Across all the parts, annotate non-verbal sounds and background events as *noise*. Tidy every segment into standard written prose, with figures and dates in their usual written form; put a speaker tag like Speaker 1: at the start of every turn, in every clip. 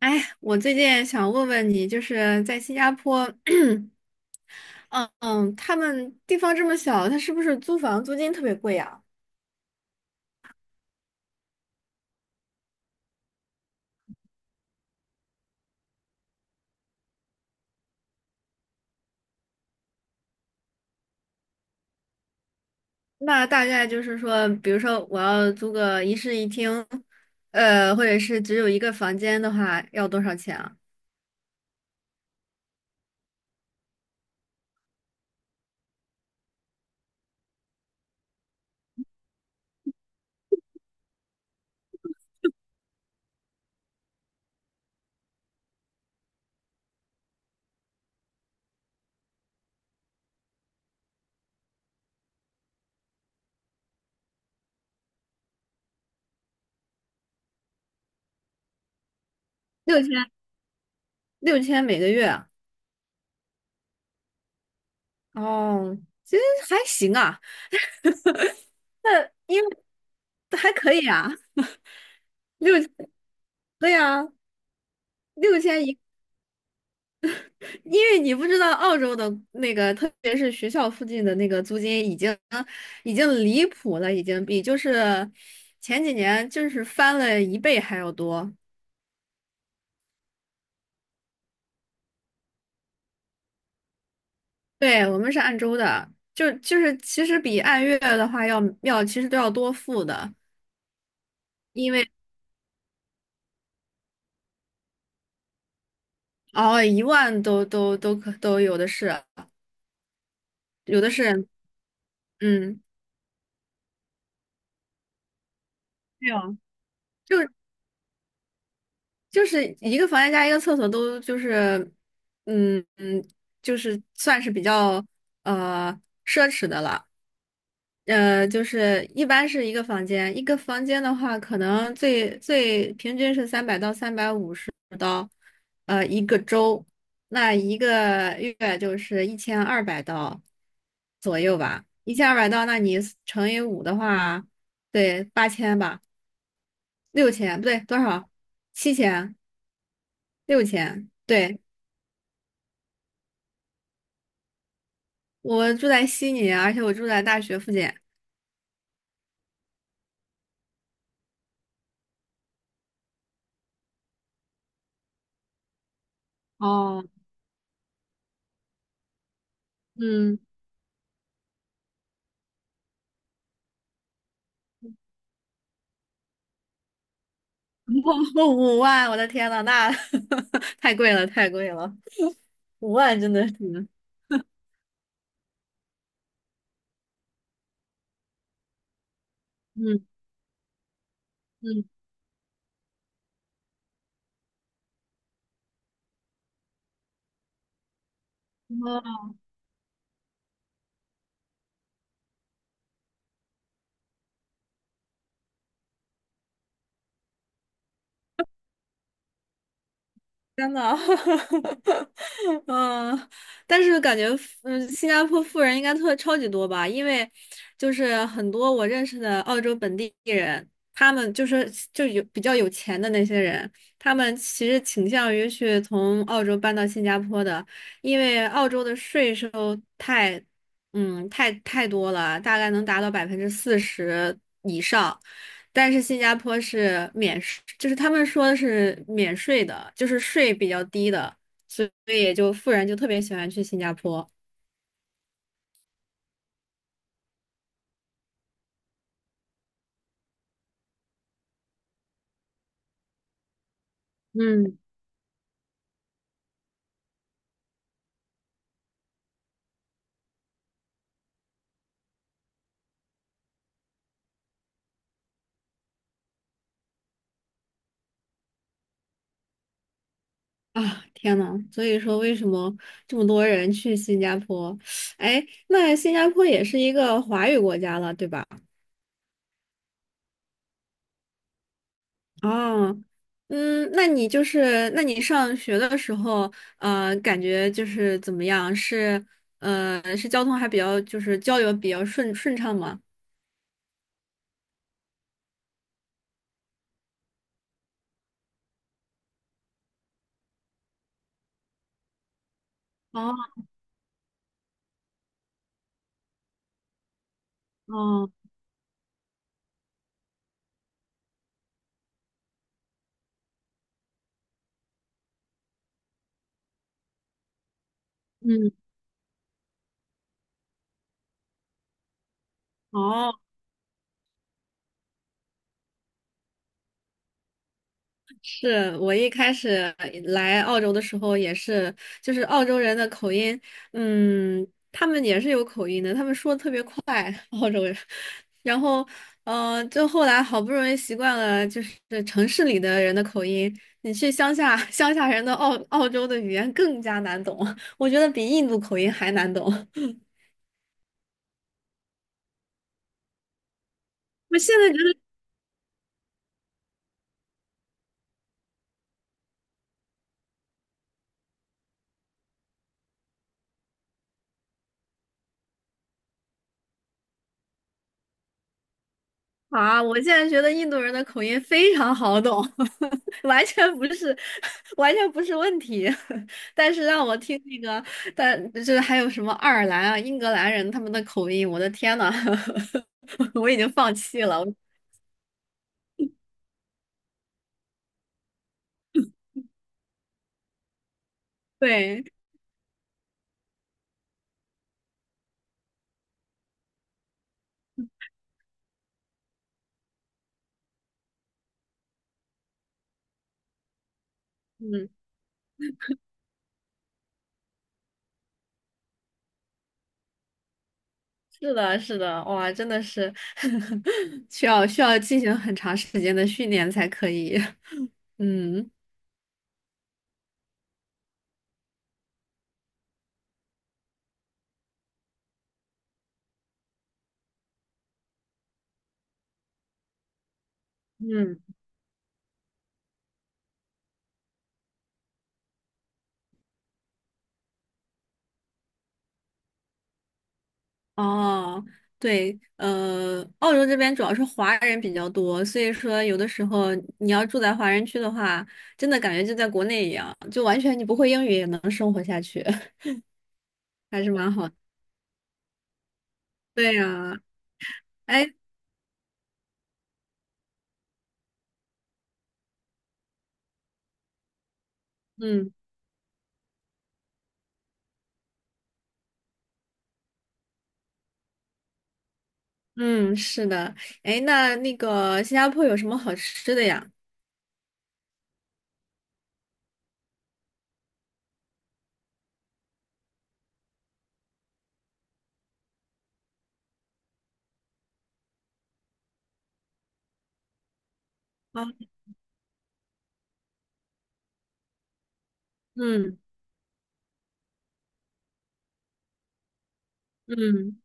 Speaker 1: 哎，我最近想问问你，就是在新加坡，嗯，他们地方这么小，他是不是租房租金特别贵啊？那大概就是说，比如说我要租个一室一厅，或者是只有一个房间的话，要多少钱啊？六千，六千每个月啊？哦，其实还行啊，*laughs* 那因为还可以啊，六，对啊，6,100。因为你不知道澳洲的那个，特别是学校附近的那个租金已经离谱了，已经比就是前几年就是翻了一倍还要多。对，我们是按周的，就是其实比按月的话要其实都要多付的，因为哦，10,000都有的是，有的是。嗯，没有。就就是一个房间加一个厕所都就是，嗯嗯，就是算是比较呃奢侈的了。就是一般是一个房间，一个房间的话，可能最平均是三百到350刀，一个周，那一个月就是一千二百刀左右吧。一千二百刀，那你乘以五的话，对，8,000吧，六千，不对，多少？7,000，六千。对，我住在悉尼，而且我住在大学附近。哦，嗯，*laughs* 五万，我的天呐，那 *laughs* 太贵了，太贵了，五万真的是。嗯嗯，天呐，*laughs* 嗯，但是感觉，嗯，新加坡富人应该特超级多吧？因为就是很多我认识的澳洲本地人，他们就是就有比较有钱的那些人，他们其实倾向于去从澳洲搬到新加坡的，因为澳洲的税收太，嗯，太太多了，大概能达到40%以上。但是新加坡是免税，就是他们说是免税的，就是税比较低的，所以也就富人就特别喜欢去新加坡。嗯。啊！天呐，所以说为什么这么多人去新加坡？哎，那新加坡也是一个华语国家了，对吧？哦，嗯，那你就是，那你上学的时候，感觉就是怎么样？是交通还比较，就是交流比较顺畅吗？哦哦。嗯。哦，是我一开始来澳洲的时候也是，就是澳洲人的口音，嗯，他们也是有口音的，他们说的特别快，澳洲人。然后，嗯，就后来好不容易习惯了，就是城市里的人的口音，你去乡下，乡下人的澳洲的语言更加难懂，我觉得比印度口音还难懂。*laughs* 我现在觉得我现在觉得印度人的口音非常好懂，*laughs* 完全不是，*laughs* 完全不是问题。*laughs* 但是让我听那个，但就是还有什么爱尔兰啊、英格兰人他们的口音，我的天呐，*laughs* 我已经放弃了。对，嗯，是的，是的，哇，真的是 *laughs* 需要进行很长时间的训练才可以。*laughs* 嗯嗯。哦，对，澳洲这边主要是华人比较多，所以说有的时候你要住在华人区的话，真的感觉就在国内一样，就完全你不会英语也能生活下去，*laughs* 还是蛮好的。对呀，哎，嗯嗯，是的，哎，那个新加坡有什么好吃的呀？啊，嗯嗯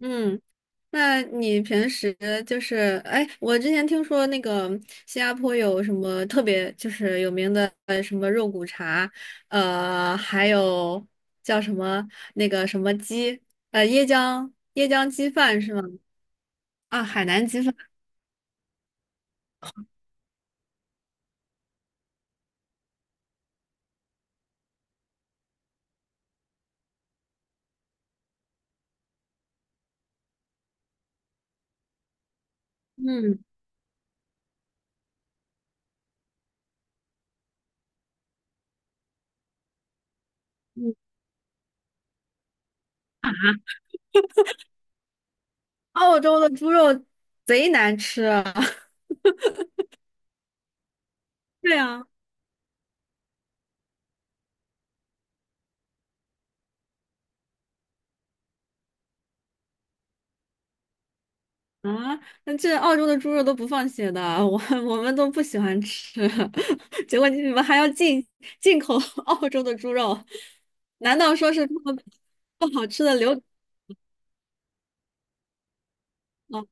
Speaker 1: 嗯。那你平时就是，哎，我之前听说那个新加坡有什么特别就是有名的什么肉骨茶，还有叫什么那个什么鸡，椰浆鸡饭是吗？啊，海南鸡饭。嗯嗯啊，澳洲的猪肉贼难吃啊！*laughs* 对啊。啊，那这澳洲的猪肉都不放血的，我们都不喜欢吃，*laughs* 结果你们还要进口 *laughs* 澳洲的猪肉，难道说是他们不好吃的留。哦，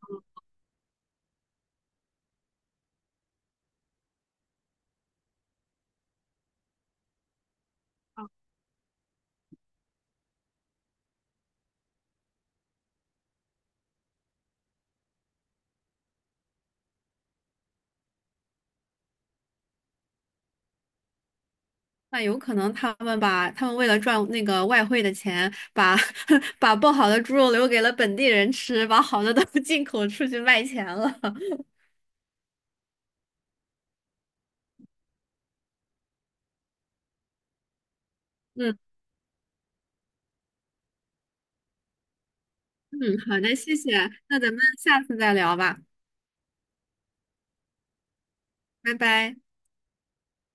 Speaker 1: 那有可能他们为了赚那个外汇的钱，把 *laughs* 把不好的猪肉留给了本地人吃，把好的都 *laughs* 进口出去卖钱了。*laughs* 嗯嗯，好的，谢谢，那咱们下次再聊吧，拜拜。